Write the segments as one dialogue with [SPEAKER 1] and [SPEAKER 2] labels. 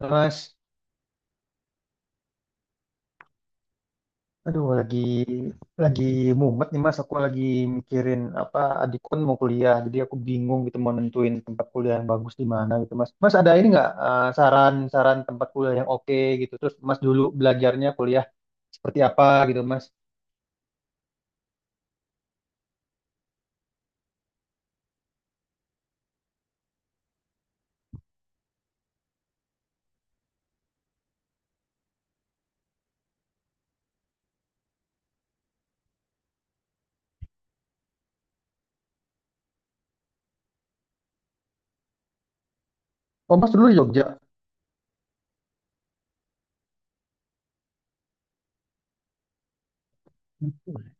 [SPEAKER 1] Mas, aduh lagi mumet nih Mas. Aku lagi mikirin apa adikku kan mau kuliah, jadi aku bingung gitu mau nentuin tempat kuliah yang bagus di mana gitu Mas. Mas ada ini nggak saran-saran tempat kuliah yang oke gitu? Terus Mas dulu belajarnya kuliah seperti apa gitu Mas? Oh Mas dulu di Jogja.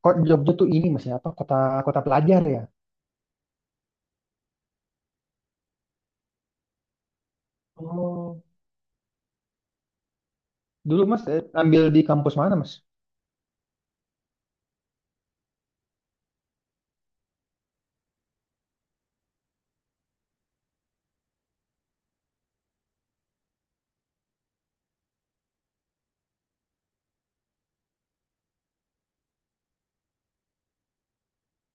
[SPEAKER 1] Kok Jogja tuh ini Mas ya apa kota kota pelajar ya? Oh dulu Mas ambil di kampus mana Mas?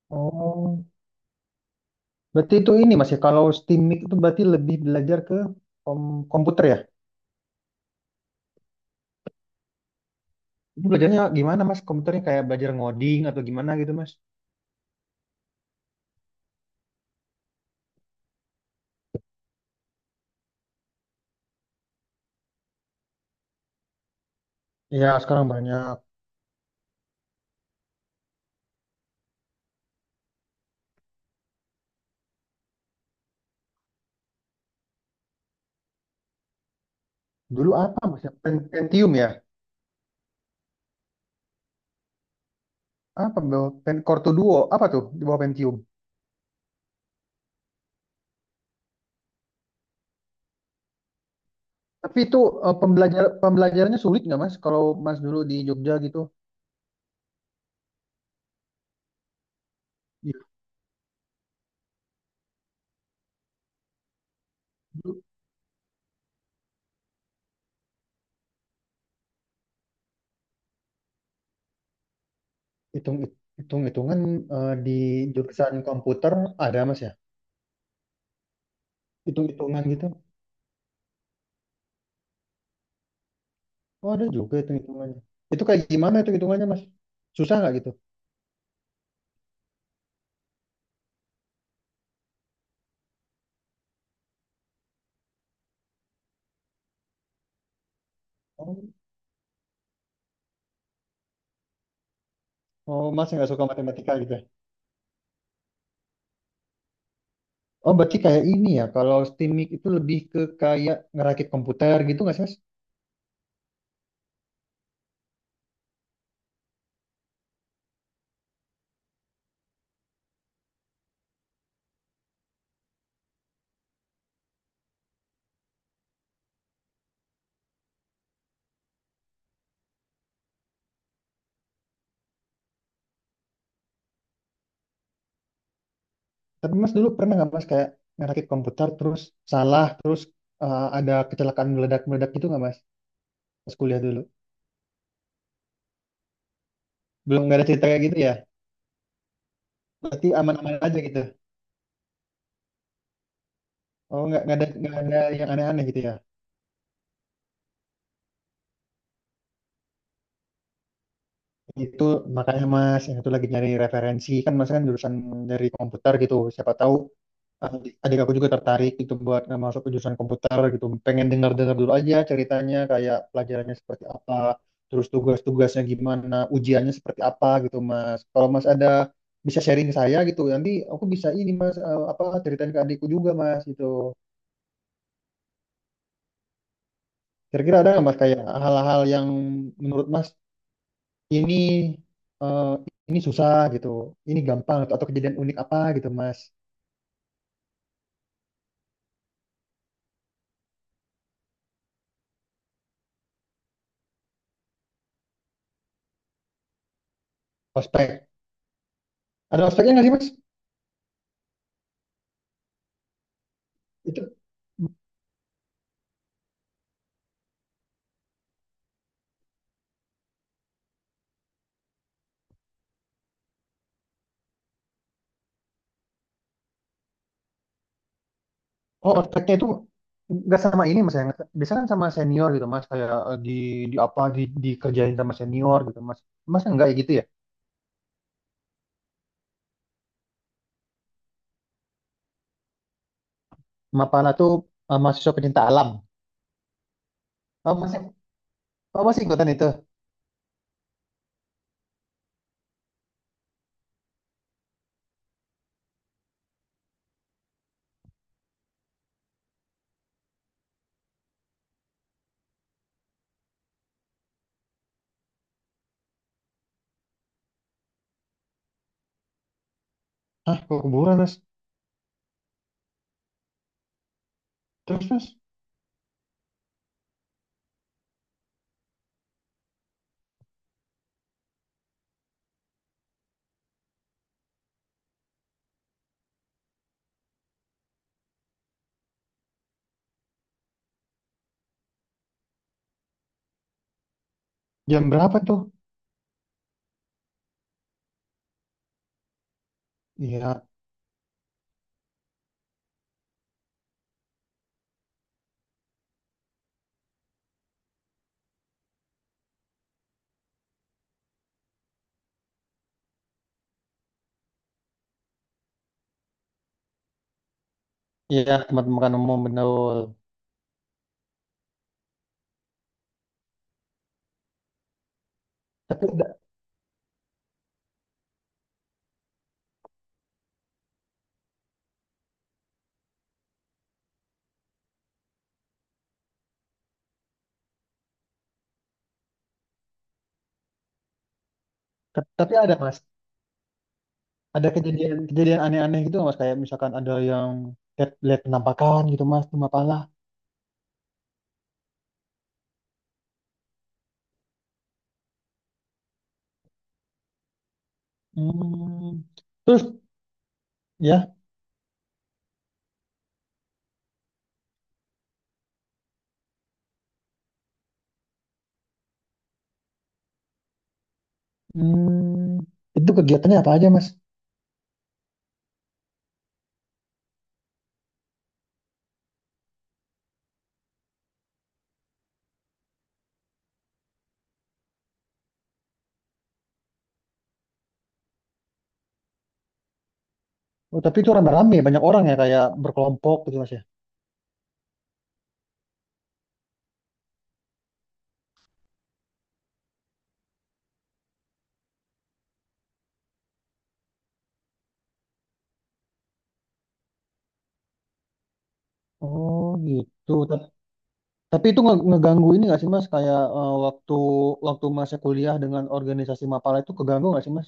[SPEAKER 1] Oh berarti itu ini Mas ya kalau STIMIK itu berarti lebih belajar ke komputer ya? Itu belajarnya gimana mas? Komputernya kayak belajar ngoding atau gimana gitu mas? Ya, sekarang banyak. Dulu apa Mas? Ya? Pentium ya? Apa? Bawah- Pen Core Duo. Apa tuh di bawah Pentium? Tapi itu pembelajarannya sulit nggak Mas? Kalau Mas dulu di Jogja gitu. Iya, dulu hitung hitung-hitungan di jurusan komputer ada mas ya? Hitung-hitungan gitu? Oh ada juga hitung-hitungannya. Itu kayak gimana itu hitungannya mas? Susah nggak gitu? Oh, oh mas yang nggak suka matematika gitu? Oh, berarti kayak ini ya. Kalau Steamik itu lebih ke kayak ngerakit komputer gitu nggak sih, Mas? Tapi Mas dulu pernah nggak Mas kayak ngerakit komputer terus salah, terus ada kecelakaan meledak-meledak gitu nggak Mas? Pas kuliah dulu. Belum nggak ada cerita kayak gitu ya? Berarti aman-aman aja gitu. Oh, nggak ada yang aneh-aneh gitu ya? Itu makanya Mas, yang itu lagi nyari referensi kan Mas kan jurusan dari komputer gitu. Siapa tahu eh, adik aku juga tertarik gitu buat masuk ke jurusan komputer gitu pengen dengar-dengar dulu aja ceritanya kayak pelajarannya seperti apa terus tugas-tugasnya gimana ujiannya seperti apa gitu Mas kalau Mas ada bisa sharing ke saya gitu nanti aku bisa ini Mas apa ceritain ke adikku juga Mas gitu kira-kira ada nggak Mas kayak hal-hal yang menurut Mas ini eh, ini susah gitu ini gampang atau kejadian unik apa gitu Mas ospek ada ospeknya nggak sih Mas itu. Oh, otaknya itu nggak sama ini mas ya. Biasa kan sama senior gitu mas, kayak di apa di dikerjain sama senior gitu mas. Mas enggak ya gitu ya. Mapala tuh mahasiswa pecinta alam. Oh masih, oh masih ikutan itu. Hah, ke kuburan mas. Terus mas, jam berapa tuh? Iya, iya tempat makan umum benar. Tapi ada, tapi ada mas. Ada kejadian kejadian aneh-aneh gitu nggak, mas. Kayak misalkan ada yang lihat lihat penampakan gitu mas di Mapala. Hmm. Terus ya. Hmm, itu kegiatannya apa aja, Mas? Oh, tapi itu rame-rame, banyak orang ya, kayak berkelompok gitu, Mas ya. Oh, gitu. Tapi itu ngeganggu ini nggak sih, Mas? Kayak waktu waktu Masnya kuliah dengan organisasi Mapala itu keganggu nggak sih, Mas?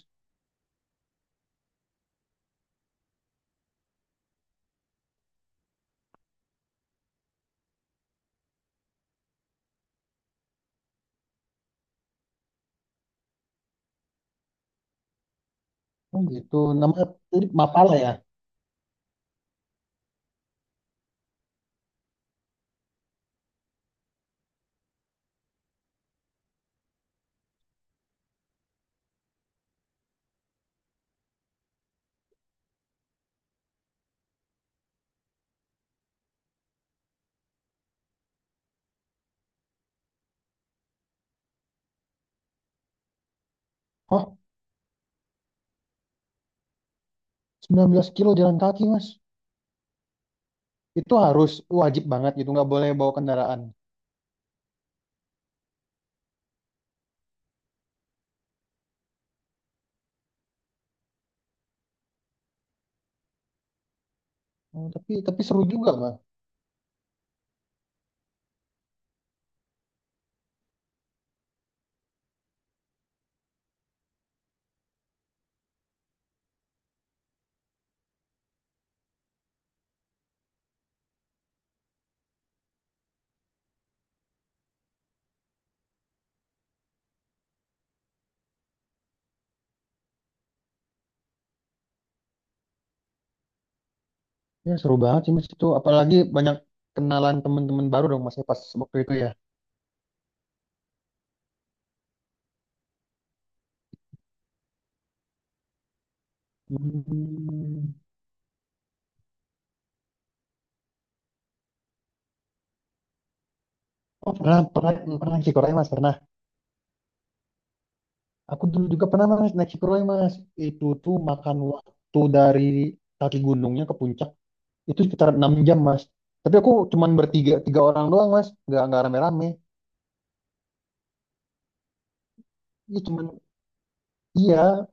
[SPEAKER 1] Oh, gitu. Namanya tadi Mapala ya? Oh, 19 kilo jalan kaki, Mas. Itu harus wajib banget gitu, nggak boleh bawa kendaraan. Oh, tapi seru juga, Mas. Ya, seru banget sih, Mas itu. Apalagi banyak kenalan teman-teman baru dong, Mas, ya, pas waktu itu ya. Hmm. Oh pernah pernah pernah Shikurai mas pernah. Aku dulu juga pernah mas naik Shikurai mas. Itu tuh makan waktu dari kaki gunungnya ke puncak itu sekitar 6 jam mas. Tapi aku cuman tiga orang doang mas. Nggak rame-rame. Iya cuman iya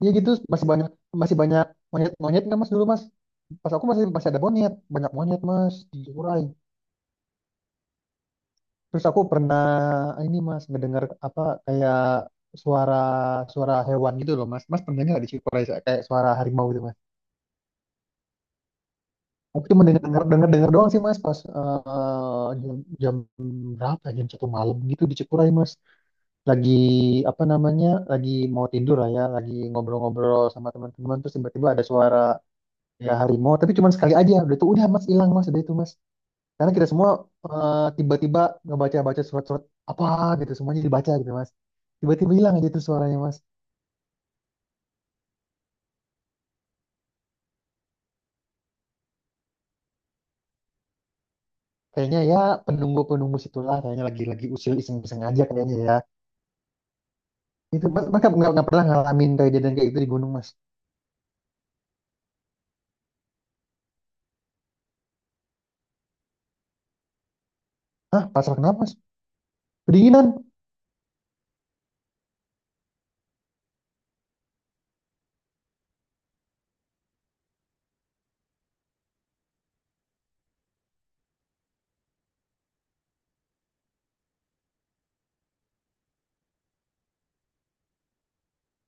[SPEAKER 1] iya gitu masih banyak monyet monyet nggak mas dulu mas. Pas aku masih masih ada monyet banyak monyet mas di Shikurai. Terus aku pernah ini mas ngedengar apa kayak suara suara hewan gitu loh mas. Mas pernah nggak di Shikurai kayak suara harimau gitu. Aku cuma denger denger denger doang sih mas pas jam berapa ya? Jam 1 malam gitu di Cikuray mas lagi apa namanya lagi mau tidur lah ya lagi ngobrol-ngobrol sama teman-teman terus tiba-tiba ada suara ya harimau tapi cuma sekali aja udah itu udah mas hilang mas udah itu mas karena kita semua tiba-tiba ngebaca-baca surat-surat apa gitu semuanya dibaca gitu mas tiba-tiba hilang aja tuh suaranya mas kayaknya ya penunggu-penunggu situlah kayaknya lagi-lagi usil iseng-iseng aja kayaknya ya. Itu mas, mas pernah ngalamin kejadian kayak gitu di gunung mas. Hah, pasrah kenapa mas? Kedinginan.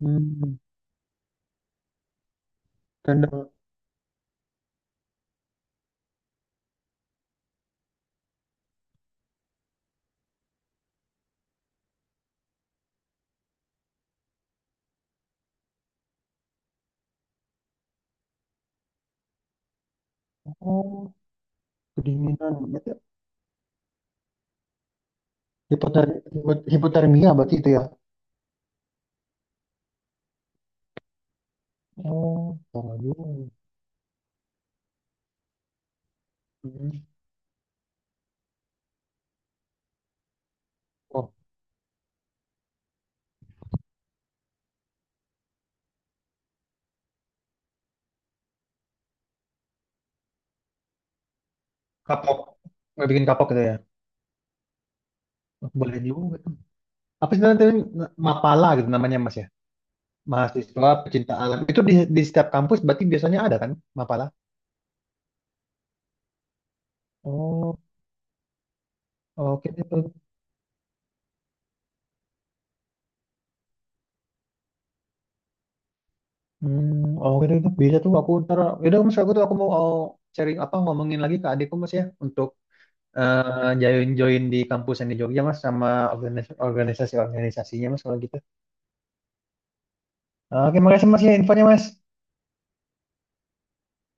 [SPEAKER 1] Hmm, tanda. Oh, kedinginan. Berarti hipotermia berarti itu ya. Oh, parah juga. Hmm. Oh, kapok. Nggak bikin kapok gitu ya. Oh, boleh juga tuh. Apa sih nanti Mapala gitu namanya mas ya? Mahasiswa pecinta alam. Itu di setiap kampus berarti biasanya ada kan Mapala? Oh, oke. Hmm, oke deh, itu bisa tuh aku ntar, yaudah mas aku mau sharing apa ngomongin lagi ke adikku mas ya untuk join join di kampus yang di Jogja mas sama organisasinya mas kalau gitu. Oke, makasih mas ya infonya mas.